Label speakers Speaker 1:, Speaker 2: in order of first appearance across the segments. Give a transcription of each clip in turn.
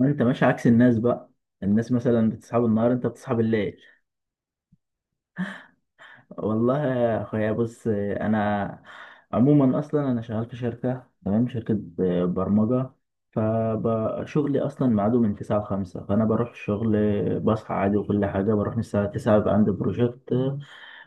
Speaker 1: انت ماشي عكس الناس بقى. الناس مثلا بتصحى بالنهار، انت بتصحى بالليل. والله يا اخويا بص انا عموما اصلا انا شغال في شركه، تمام شركه برمجه. فشغلي اصلا ميعاده من 9 ل 5، فانا بروح الشغل بصحى عادي وكل حاجه. بروح من الساعه 9 بقى، عندي بروجكت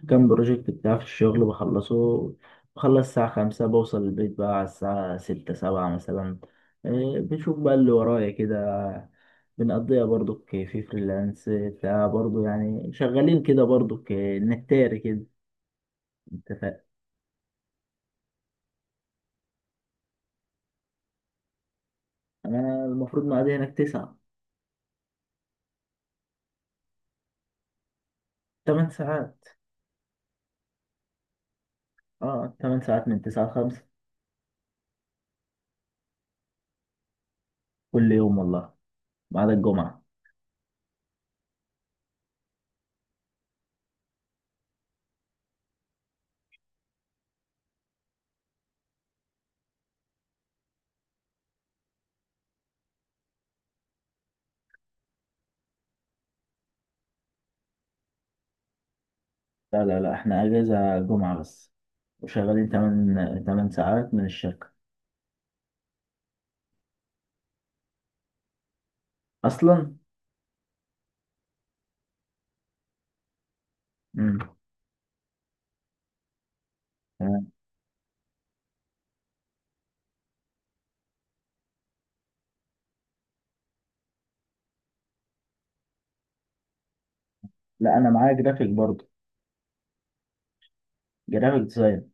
Speaker 1: كام بروجكت بتاع في الشغل بخلصه. بخلص الساعه 5، بوصل البيت بقى على الساعه 6 7 مثلا. إيه، بشوف بقى اللي ورايا كده، بنقضيها برضو في فريلانس بتاع برضو، يعني شغالين كده برضو، نهتاري كده. انت فاهم. انا المفروض مقضي هناك 8 ساعات. اه 8 ساعات من 9 ل 5، كل يوم والله، ما عدا الجمعة. لا لا لا، احنا اجازة جمعة بس، وشغالين تمن ساعات من الشركة. اصلا. امم تمام. لا انا معايا جرافيك برضو، جرافيك ديزاين.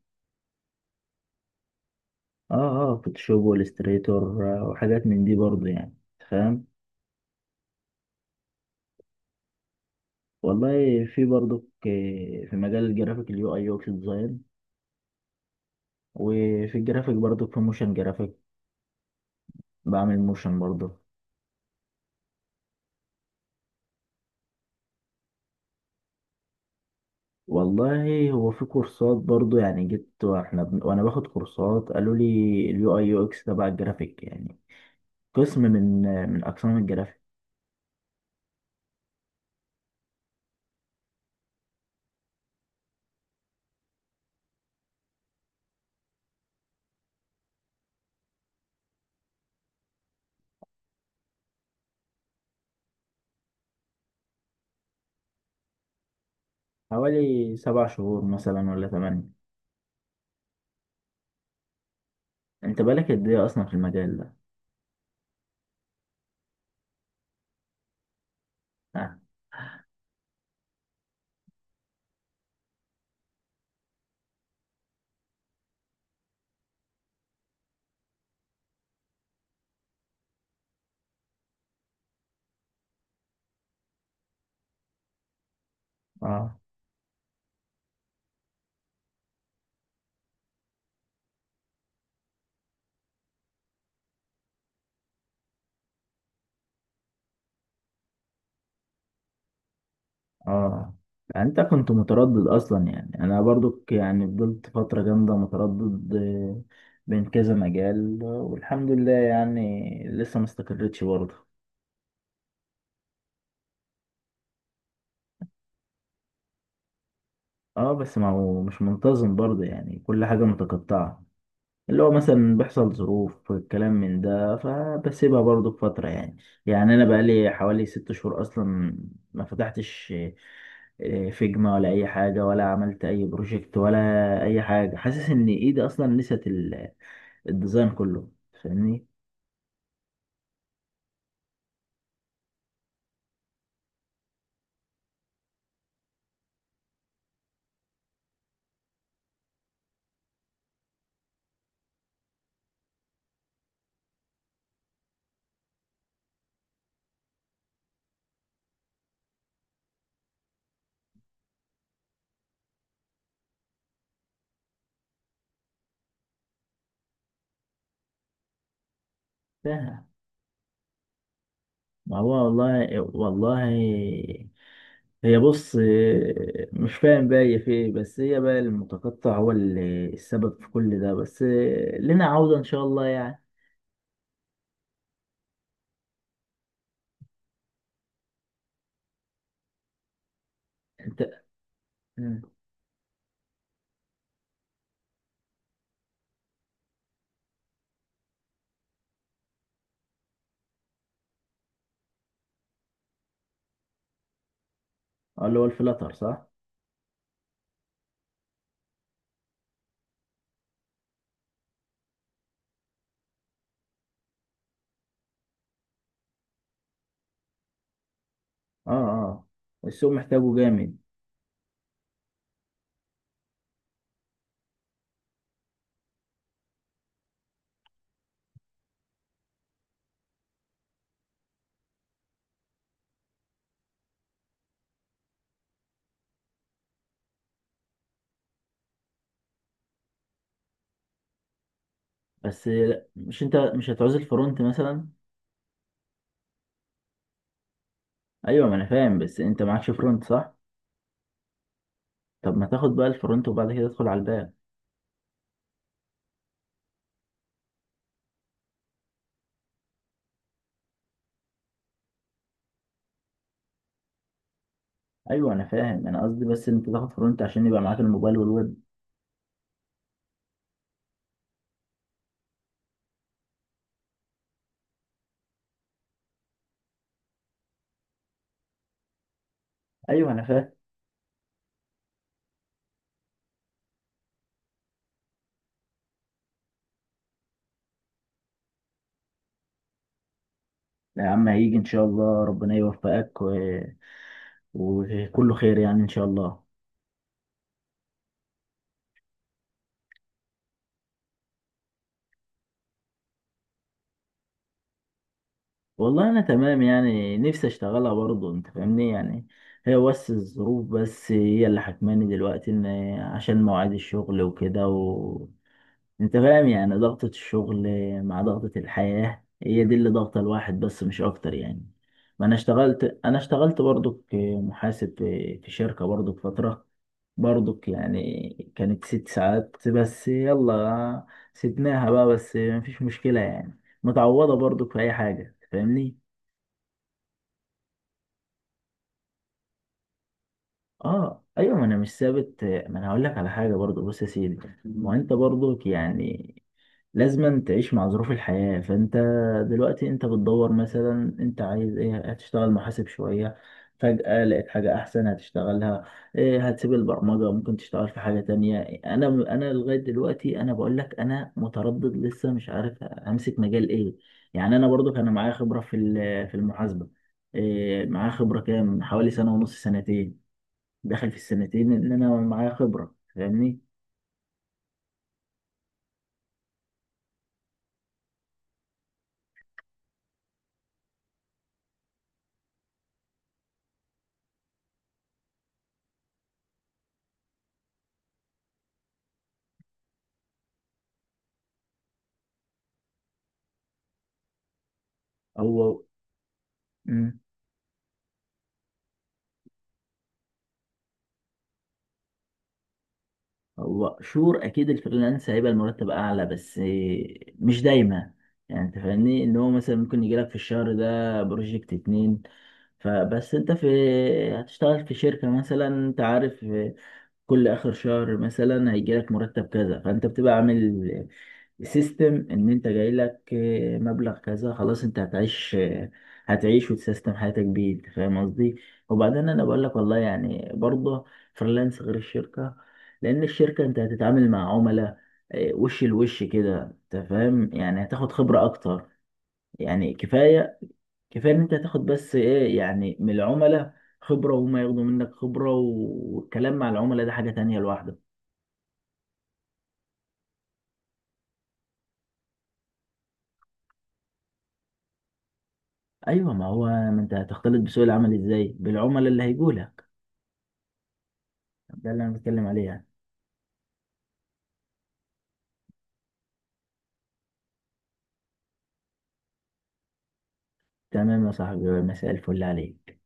Speaker 1: اه اه، فوتوشوب والستريتور وحاجات من دي برضو يعني. فاهم. والله في برضك في مجال الجرافيك، اليو اي يو اكس ديزاين، وفي الجرافيك برضك في موشن جرافيك، بعمل موشن برضه. والله هو في كورسات برضه، يعني جيت وانا باخد كورسات قالوا لي اليو اي يو اكس تبع الجرافيك، يعني قسم من اقسام الجرافيك. حوالي 7 شهور مثلا ولا 8. انت بالك قد ايه اصلا في المجال ده؟ اه اه، يعني انت كنت متردد اصلا، يعني انا برضو يعني فضلت فترة جامدة متردد، بين كذا مجال، والحمد لله يعني لسه ما استقرتش برضه. اه، بس ما هو مش منتظم برضه، يعني كل حاجة متقطعة. اللي هو مثلا بيحصل ظروف الكلام من ده فبسيبها برضو بفترة يعني. يعني أنا بقالي حوالي 6 شهور أصلا ما فتحتش فيجما ولا أي حاجة، ولا عملت أي بروجكت ولا أي حاجة. حاسس إن إيدي أصلا نسيت الديزاين كله. فاهمني؟ ف- ما هو والله والله، هي بص، مش فاهم بقى هي في ايه، بس هي بقى المتقطع هو اللي السبب في كل ده، بس لنا عودة إن شاء الله يعني. انت اه اللي هو الفلاتر صح؟ اه اه، السوق محتاجه جامد. بس لا، مش انت مش هتعوز الفرونت مثلا؟ ايوه ما انا فاهم، بس انت معكش فرونت صح؟ طب ما تاخد بقى الفرونت وبعد كده تدخل على الباك. ايوه انا فاهم، انا قصدي بس انت تاخد فرونت عشان يبقى معاك الموبايل والويب. ايوه انا فاهم. لا يا عم، هيجي ان شاء الله، ربنا يوفقك وكله خير يعني ان شاء الله. والله انا تمام يعني، نفسي اشتغلها برضه انت فاهمني يعني. هي بس الظروف بس هي اللي حكماني دلوقتي، ان عشان مواعيد الشغل وكده انت فاهم يعني ضغطة الشغل مع ضغطة الحياة، هي دي اللي ضغطة الواحد بس مش اكتر يعني. ما انا اشتغلت برضه كمحاسب في شركة برضه فترة، برضه يعني كانت 6 ساعات بس، يلا سيبناها بقى، بس مفيش مشكلة يعني، متعوضة برضه في اي حاجة فاهمني. اه ايوه، ما انا مش ثابت، ما انا هقول لك على حاجه برضو. بص يا سيدي، ما انت برضو يعني لازم تعيش مع ظروف الحياه. فانت دلوقتي انت بتدور مثلا، انت عايز ايه، هتشتغل محاسب شويه فجاه لقيت حاجه احسن هتشتغلها، إيه هتسيب البرمجه ممكن تشتغل في حاجه تانية. انا لغايه دلوقتي انا بقول لك انا متردد لسه مش عارف امسك مجال ايه. يعني انا برضو كان معايا خبره في المحاسبه، إيه معايا خبره كام، حوالي سنه ونص سنتين، داخل في السنتين ان انا معايا خبره فاهمني. هو. مم. هو شور اكيد الفريلانس هيبقى المرتب اعلى، بس مش دايما. يعني انت فاهمني ان هو مثلا ممكن يجيلك في الشهر ده بروجكت اتنين، فبس انت هتشتغل في شركه مثلا، انت عارف كل اخر شهر مثلا هيجيلك مرتب كذا، فانت بتبقى عامل سيستم ان انت جاي لك مبلغ كذا، خلاص انت هتعيش وتسيستم حياتك بيه، انت فاهم قصدي. وبعدين انا بقول لك والله يعني برضه فريلانس غير الشركه، لان الشركه انت هتتعامل مع عملاء، وش لوش كده، انت فاهم يعني هتاخد خبره اكتر، يعني كفايه. كفايه ان انت هتاخد بس ايه يعني من العملاء خبره، وهما ياخدوا منك خبره، والكلام مع العملاء ده حاجه تانية لوحده. ايوه ما هو، ما انت هتختلط بسوق العمل ازاي بالعملاء اللي هيجوا لك. ده اللي انا بتكلم عليه يعني. تمام يا صاحبي، مساء الفل عليك.